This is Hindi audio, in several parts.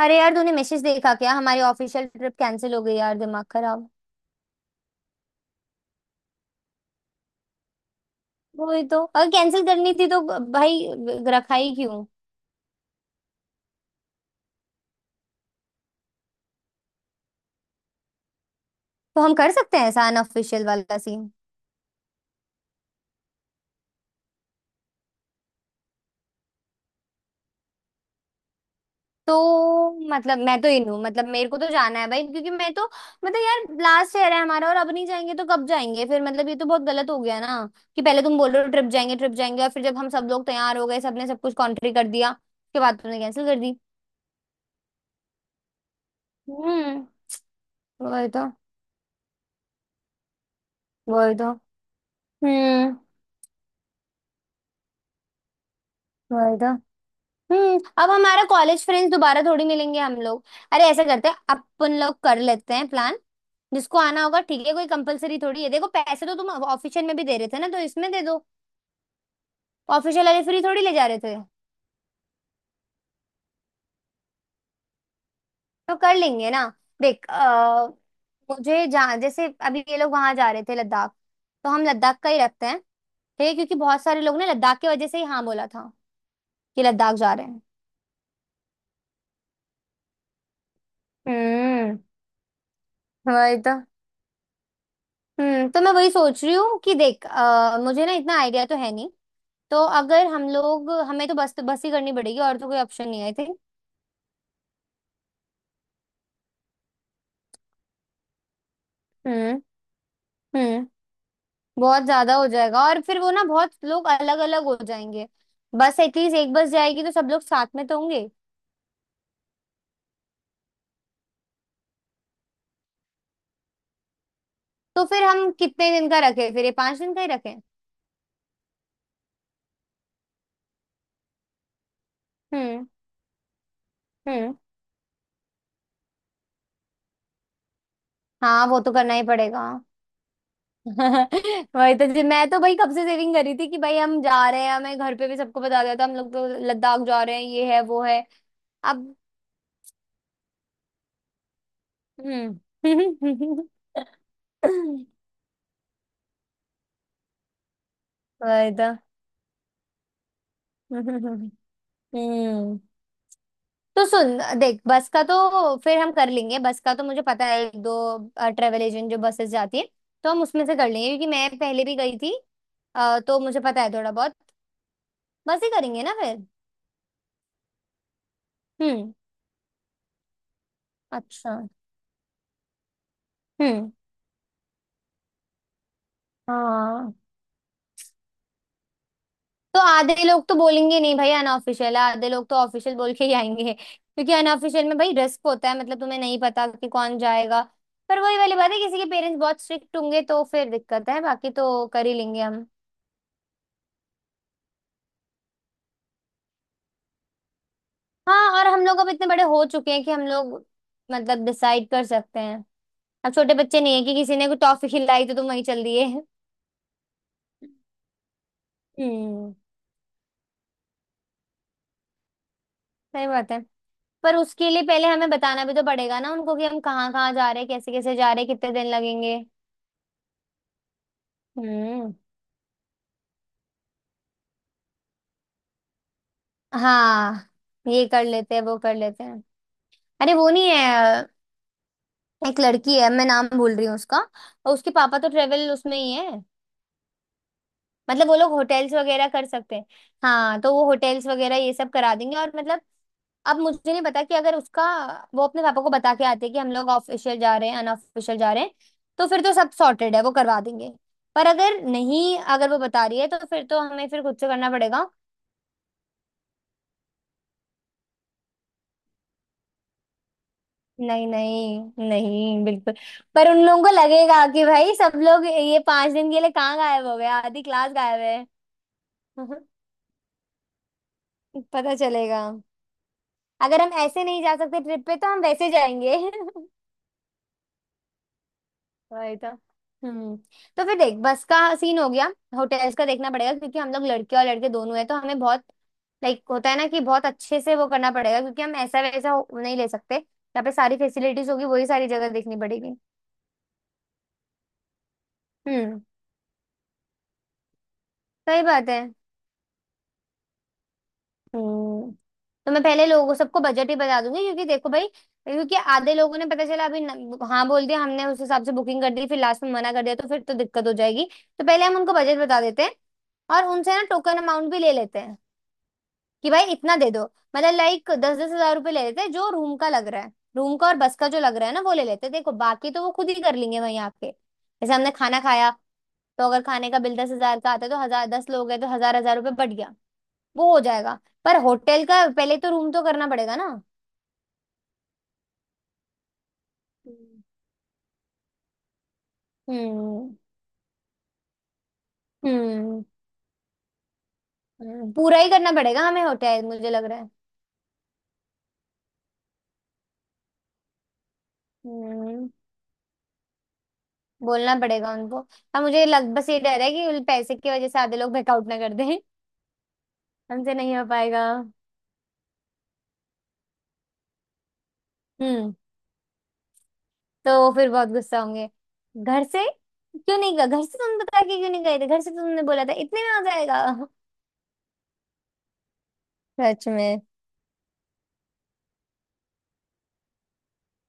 अरे यार, तूने मैसेज देखा क्या? हमारी ऑफिशियल ट्रिप कैंसिल हो गई यार, दिमाग खराब। वही तो, अगर कैंसिल करनी थी तो भाई रखा ही क्यों। तो हम कर सकते हैं ऐसा अनऑफिशियल वाला सीन? तो, मतलब मैं तो इन हूँ, मतलब मेरे को तो जाना है भाई, क्योंकि मैं तो। मतलब यार लास्ट ईयर है हमारा, और अब नहीं जाएंगे तो कब जाएंगे फिर, मतलब ये तो बहुत गलत हो गया ना। कि पहले तुम बोल रहे हो ट्रिप जाएंगे ट्रिप जाएंगे, और फिर जब हम सब लोग तैयार हो गए, सबने सब कुछ कॉन्ट्री कर दिया, उसके बाद तुमने कैंसिल कर दी। हम्म। वही तो। वही तो। हम्म। वही तो। अब हमारा कॉलेज फ्रेंड्स दोबारा थोड़ी मिलेंगे हम लोग। अरे ऐसा करते हैं, अपन लोग कर लेते हैं प्लान। जिसको आना होगा ठीक है, कोई कंपलसरी थोड़ी है, देखो पैसे तो तुम ऑफिशियल में भी दे रहे थे ना, तो इसमें दे दो। ऑफिशियल वाले फ्री थोड़ी ले जा रहे थे। तो कर लेंगे ना। देख मुझे जहाँ, जैसे अभी ये लोग वहां जा रहे थे लद्दाख, तो हम लद्दाख का ही रखते हैं ठीक है, क्योंकि बहुत सारे लोग ने लद्दाख की वजह से ही हाँ बोला था, कि लद्दाख जा रहे हैं। हम्म। वही तो। तो मैं वही सोच रही हूँ कि देख मुझे ना इतना आइडिया तो है नहीं। तो अगर हम लोग, हमें तो बस बस ही करनी पड़ेगी, और तो कोई ऑप्शन नहीं है आई थिंक। हम्म। हम्म। बहुत ज्यादा हो जाएगा, और फिर वो ना बहुत लोग अलग अलग हो जाएंगे। बस एटलीस्ट एक बस जाएगी तो सब लोग साथ में तो होंगे। तो फिर हम कितने दिन का रखें? फिर ये 5 दिन का ही रखें? हम्म। हम्म। हाँ वो तो करना ही पड़ेगा। वही तो जी, मैं तो भाई कब से सेविंग करी थी कि भाई हम जा रहे हैं, हमें घर पे भी सबको बता दिया था हम लोग तो लद्दाख जा रहे हैं, ये है वो है। अब। हम्म। वही तो। हम्म तो सुन देख, बस का तो फिर हम कर लेंगे, बस का तो मुझे पता है, एक दो ट्रेवल एजेंट जो बसेस जाती है, तो हम उसमें से कर लेंगे क्योंकि मैं पहले भी गई थी। तो मुझे पता है थोड़ा बहुत। बस ही करेंगे ना फिर? हम्म। अच्छा। हम्म। हाँ। तो आधे लोग तो बोलेंगे नहीं भाई, अनऑफिशियल है, आधे लोग तो ऑफिशियल बोल के ही आएंगे, क्योंकि अनऑफिशियल में भाई रिस्क होता है, मतलब तुम्हें नहीं पता कि कौन जाएगा। पर वही वाली बात है, किसी के पेरेंट्स बहुत स्ट्रिक्ट होंगे तो फिर दिक्कत है, बाकी तो कर ही लेंगे हम। हाँ, और हम लोग अब इतने बड़े हो चुके हैं कि हम लोग मतलब डिसाइड कर सकते हैं। अब छोटे बच्चे नहीं है कि किसी ने कोई टॉफी खिलाई तो तुम वहीं चल दिए। हम्म। सही बात है। पर उसके लिए पहले हमें बताना भी तो पड़ेगा ना उनको, कि हम कहाँ कहाँ जा रहे हैं, कैसे कैसे जा रहे हैं, कितने दिन लगेंगे। हम्म। हाँ, ये कर लेते हैं, वो कर लेते हैं। अरे वो नहीं है, एक लड़की है, मैं नाम भूल रही हूँ उसका, और उसके पापा तो ट्रेवल उसमें ही है। मतलब वो लोग होटेल्स वगैरह कर सकते हैं। हाँ, तो वो होटेल्स वगैरह ये सब करा देंगे, और मतलब। अब मुझे नहीं पता कि अगर उसका, वो अपने पापा को बता के आते हैं कि हम लोग ऑफिशियल जा रहे हैं, अनऑफिशियल जा रहे हैं, तो फिर तो सब सॉर्टेड है, वो करवा देंगे। पर अगर नहीं, अगर वो बता रही है तो फिर तो हमें फिर खुद से करना पड़ेगा। नहीं नहीं नहीं, बिल्कुल। पर उन लोगों को लगेगा कि भाई सब लोग ये 5 दिन के लिए कहाँ गायब हो गया, आधी क्लास गायब है। पता चलेगा। अगर हम ऐसे नहीं जा सकते ट्रिप पे तो हम वैसे जाएंगे। वही तो। हम्म तो फिर देख, बस का सीन हो गया। होटल्स का देखना पड़ेगा क्योंकि हम लोग लड़के और लड़के दोनों हैं, तो हमें बहुत लाइक होता है ना, कि बहुत अच्छे से वो करना पड़ेगा क्योंकि हम ऐसा वैसा नहीं ले सकते। यहाँ पे सारी फैसिलिटीज होगी, वही सारी जगह देखनी पड़ेगी। हम्म। सही बात है। हम्म तो मैं पहले लोगों सबको बजट ही बता दूंगी, क्योंकि देखो भाई, क्योंकि आधे लोगों ने पता चला अभी हाँ बोल दिया, हमने उस हिसाब से बुकिंग कर दी, फिर लास्ट में मना कर दिया तो फिर तो दिक्कत हो जाएगी। तो पहले हम उनको बजट बता देते हैं, और उनसे ना टोकन अमाउंट भी ले लेते हैं, कि भाई इतना दे दो। मतलब लाइक दस दस हजार रुपये ले लेते हैं, जो रूम का लग रहा है, रूम का और बस का जो लग रहा है ना वो ले लेते हैं, देखो बाकी तो वो खुद ही कर लेंगे वहीं आके जैसे हमने खाना खाया। तो अगर खाने का बिल 10 हज़ार का आता है तो हजार, 10 लोग हैं तो हजार हजार रुपये बढ़ गया, वो हो जाएगा। पर होटल का पहले तो रूम तो करना पड़ेगा ना। हम्म। हम्म। पूरा ही करना पड़ेगा हमें होटल मुझे लग रहा है। हम्म बोलना पड़ेगा उनको। हाँ मुझे लग, बस ये डर है कि उन पैसे की वजह से आधे लोग बैकआउट ना कर दें। हमसे नहीं हो पाएगा। हम्म तो फिर बहुत गुस्सा होंगे घर से, क्यों नहीं गए घर से, तुम बता के क्यों नहीं गए थे घर से, तो तुमने बोला था इतने में हो जाएगा। सच में।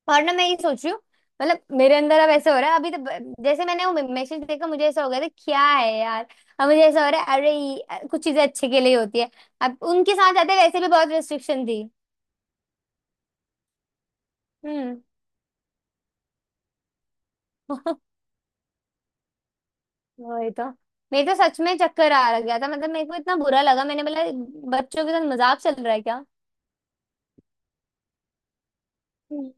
और ना, मैं ये सोच रही हूँ, मतलब मेरे अंदर अब ऐसा हो रहा है, अभी तो जैसे मैंने वो मैसेज देखा मुझे ऐसा हो गया था, क्या है यार। अब मुझे ऐसा हो रहा है, अरे कुछ चीजें अच्छे के लिए ही होती है। अब उनके साथ जाते वैसे भी बहुत रेस्ट्रिक्शन थी। हम्म। वही तो। मेरे तो सच में चक्कर आ गया था, मतलब मेरे को इतना बुरा लगा, मैंने बोला बच्चों के साथ मजाक चल रहा है क्या। हम्म।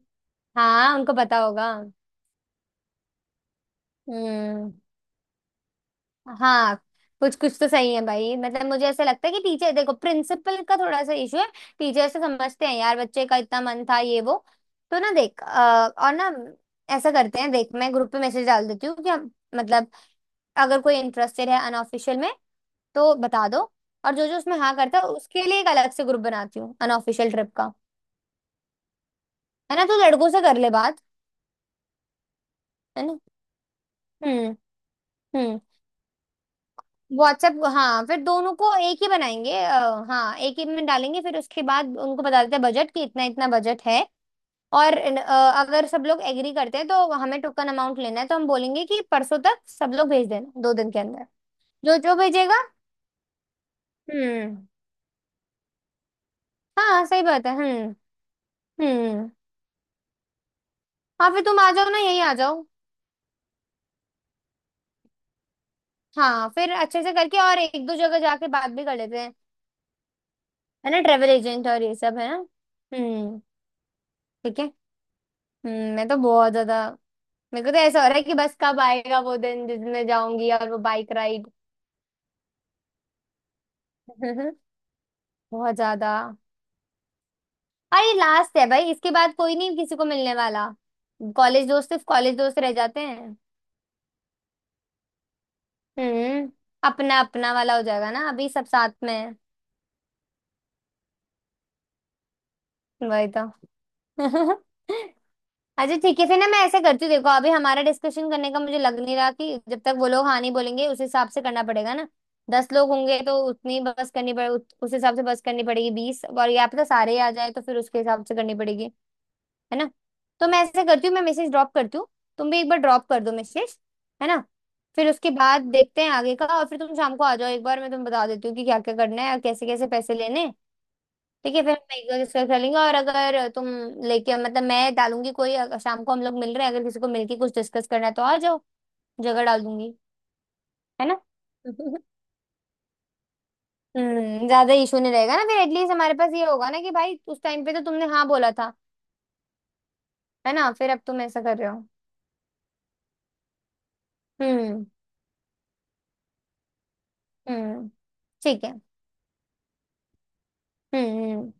हाँ, उनको पता होगा। हम्म। हाँ, कुछ कुछ तो सही है भाई, मतलब मुझे ऐसा लगता है कि टीचर, देखो प्रिंसिपल का थोड़ा सा इशू है, टीचर से समझते हैं यार, बच्चे का इतना मन था, ये वो। तो ना, देख और ना, ऐसा करते हैं देख, मैं ग्रुप पे मैसेज डाल देती हूँ कि हम मतलब, अगर कोई इंटरेस्टेड है अनऑफिशियल में तो बता दो, और जो जो उसमें हाँ करता है उसके लिए एक अलग से ग्रुप बनाती हूँ, अनऑफिशियल ट्रिप का। है ना, तो लड़कों से कर ले बात। है ना। हम्म। हम्म व्हाट्सएप। हाँ फिर दोनों को एक ही बनाएंगे, हाँ एक ही में डालेंगे फिर उसके बाद उनको बता देते हैं बजट, कि इतना इतना बजट है। और अगर सब लोग एग्री करते हैं तो हमें टोकन अमाउंट लेना है, तो हम बोलेंगे कि परसों तक सब लोग भेज देना, 2 दिन के अंदर, जो जो भेजेगा। हम्म। हाँ सही बात है। हम्म। हम्म। हाँ फिर तुम आ जाओ ना, यही आ जाओ। हाँ फिर अच्छे से करके और एक दो जगह जाके बात भी कर लेते हैं। है ना, ट्रेवल एजेंट और ये सब, है ना। हम्म। ठीक है। मैं तो बहुत ज्यादा। मेरे को तो ऐसा हो रहा है कि बस कब आएगा वो दिन जिसमें जाऊंगी, और वो बाइक राइड। बहुत ज्यादा। और ये लास्ट है भाई, इसके बाद कोई नहीं किसी को मिलने वाला। कॉलेज दोस्त सिर्फ कॉलेज दोस्त रह जाते हैं। हम्म अपना अपना वाला हो जाएगा ना, अभी सब साथ में है। वही तो। अच्छा ठीक है, फिर ना मैं ऐसे करती हूँ, देखो अभी हमारा डिस्कशन करने का मुझे लग नहीं रहा, कि जब तक वो लोग हाँ नहीं बोलेंगे, उस हिसाब से करना पड़ेगा ना। 10 लोग होंगे तो उतनी बस करनी पड़े, उस हिसाब से बस करनी पड़ेगी, 20, और या फिर सारे ही आ जाए तो फिर उसके हिसाब से करनी पड़ेगी। है ना, तो मैं ऐसे करती हूँ, मैं मैसेज ड्रॉप करती हूँ, तुम भी एक बार ड्रॉप कर दो मैसेज। है ना, फिर उसके बाद देखते हैं आगे का, और फिर तुम शाम को आ जाओ एक बार, मैं तुम्हें बता देती हूँ कि क्या क्या करना है और कैसे कैसे पैसे लेने हैं। ठीक है, फिर हम एक बार डिस्कस कर लेंगे, और अगर तुम लेके मतलब मैं डालूंगी कोई, अगर शाम को हम लोग मिल रहे हैं, अगर किसी को मिलके कुछ डिस्कस करना है तो आ जाओ, जगह डाल दूंगी। है ना। ज्यादा इशू नहीं रहेगा ना फिर, एटलीस्ट हमारे पास ये होगा ना कि भाई उस टाइम पे तो तुमने हाँ बोला था, है ना, फिर अब तुम ऐसा कर रहे हो। हम्म। हम्म। ठीक है। हम्म। हम्म,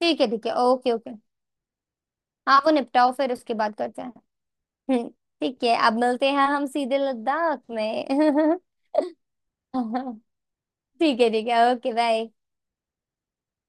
ठीक है ओके ओके। हाँ वो निपटाओ, फिर उसके बाद करते हैं। हम्म। ठीक है, अब मिलते हैं हम सीधे लद्दाख में। ठीक है ओके बाय।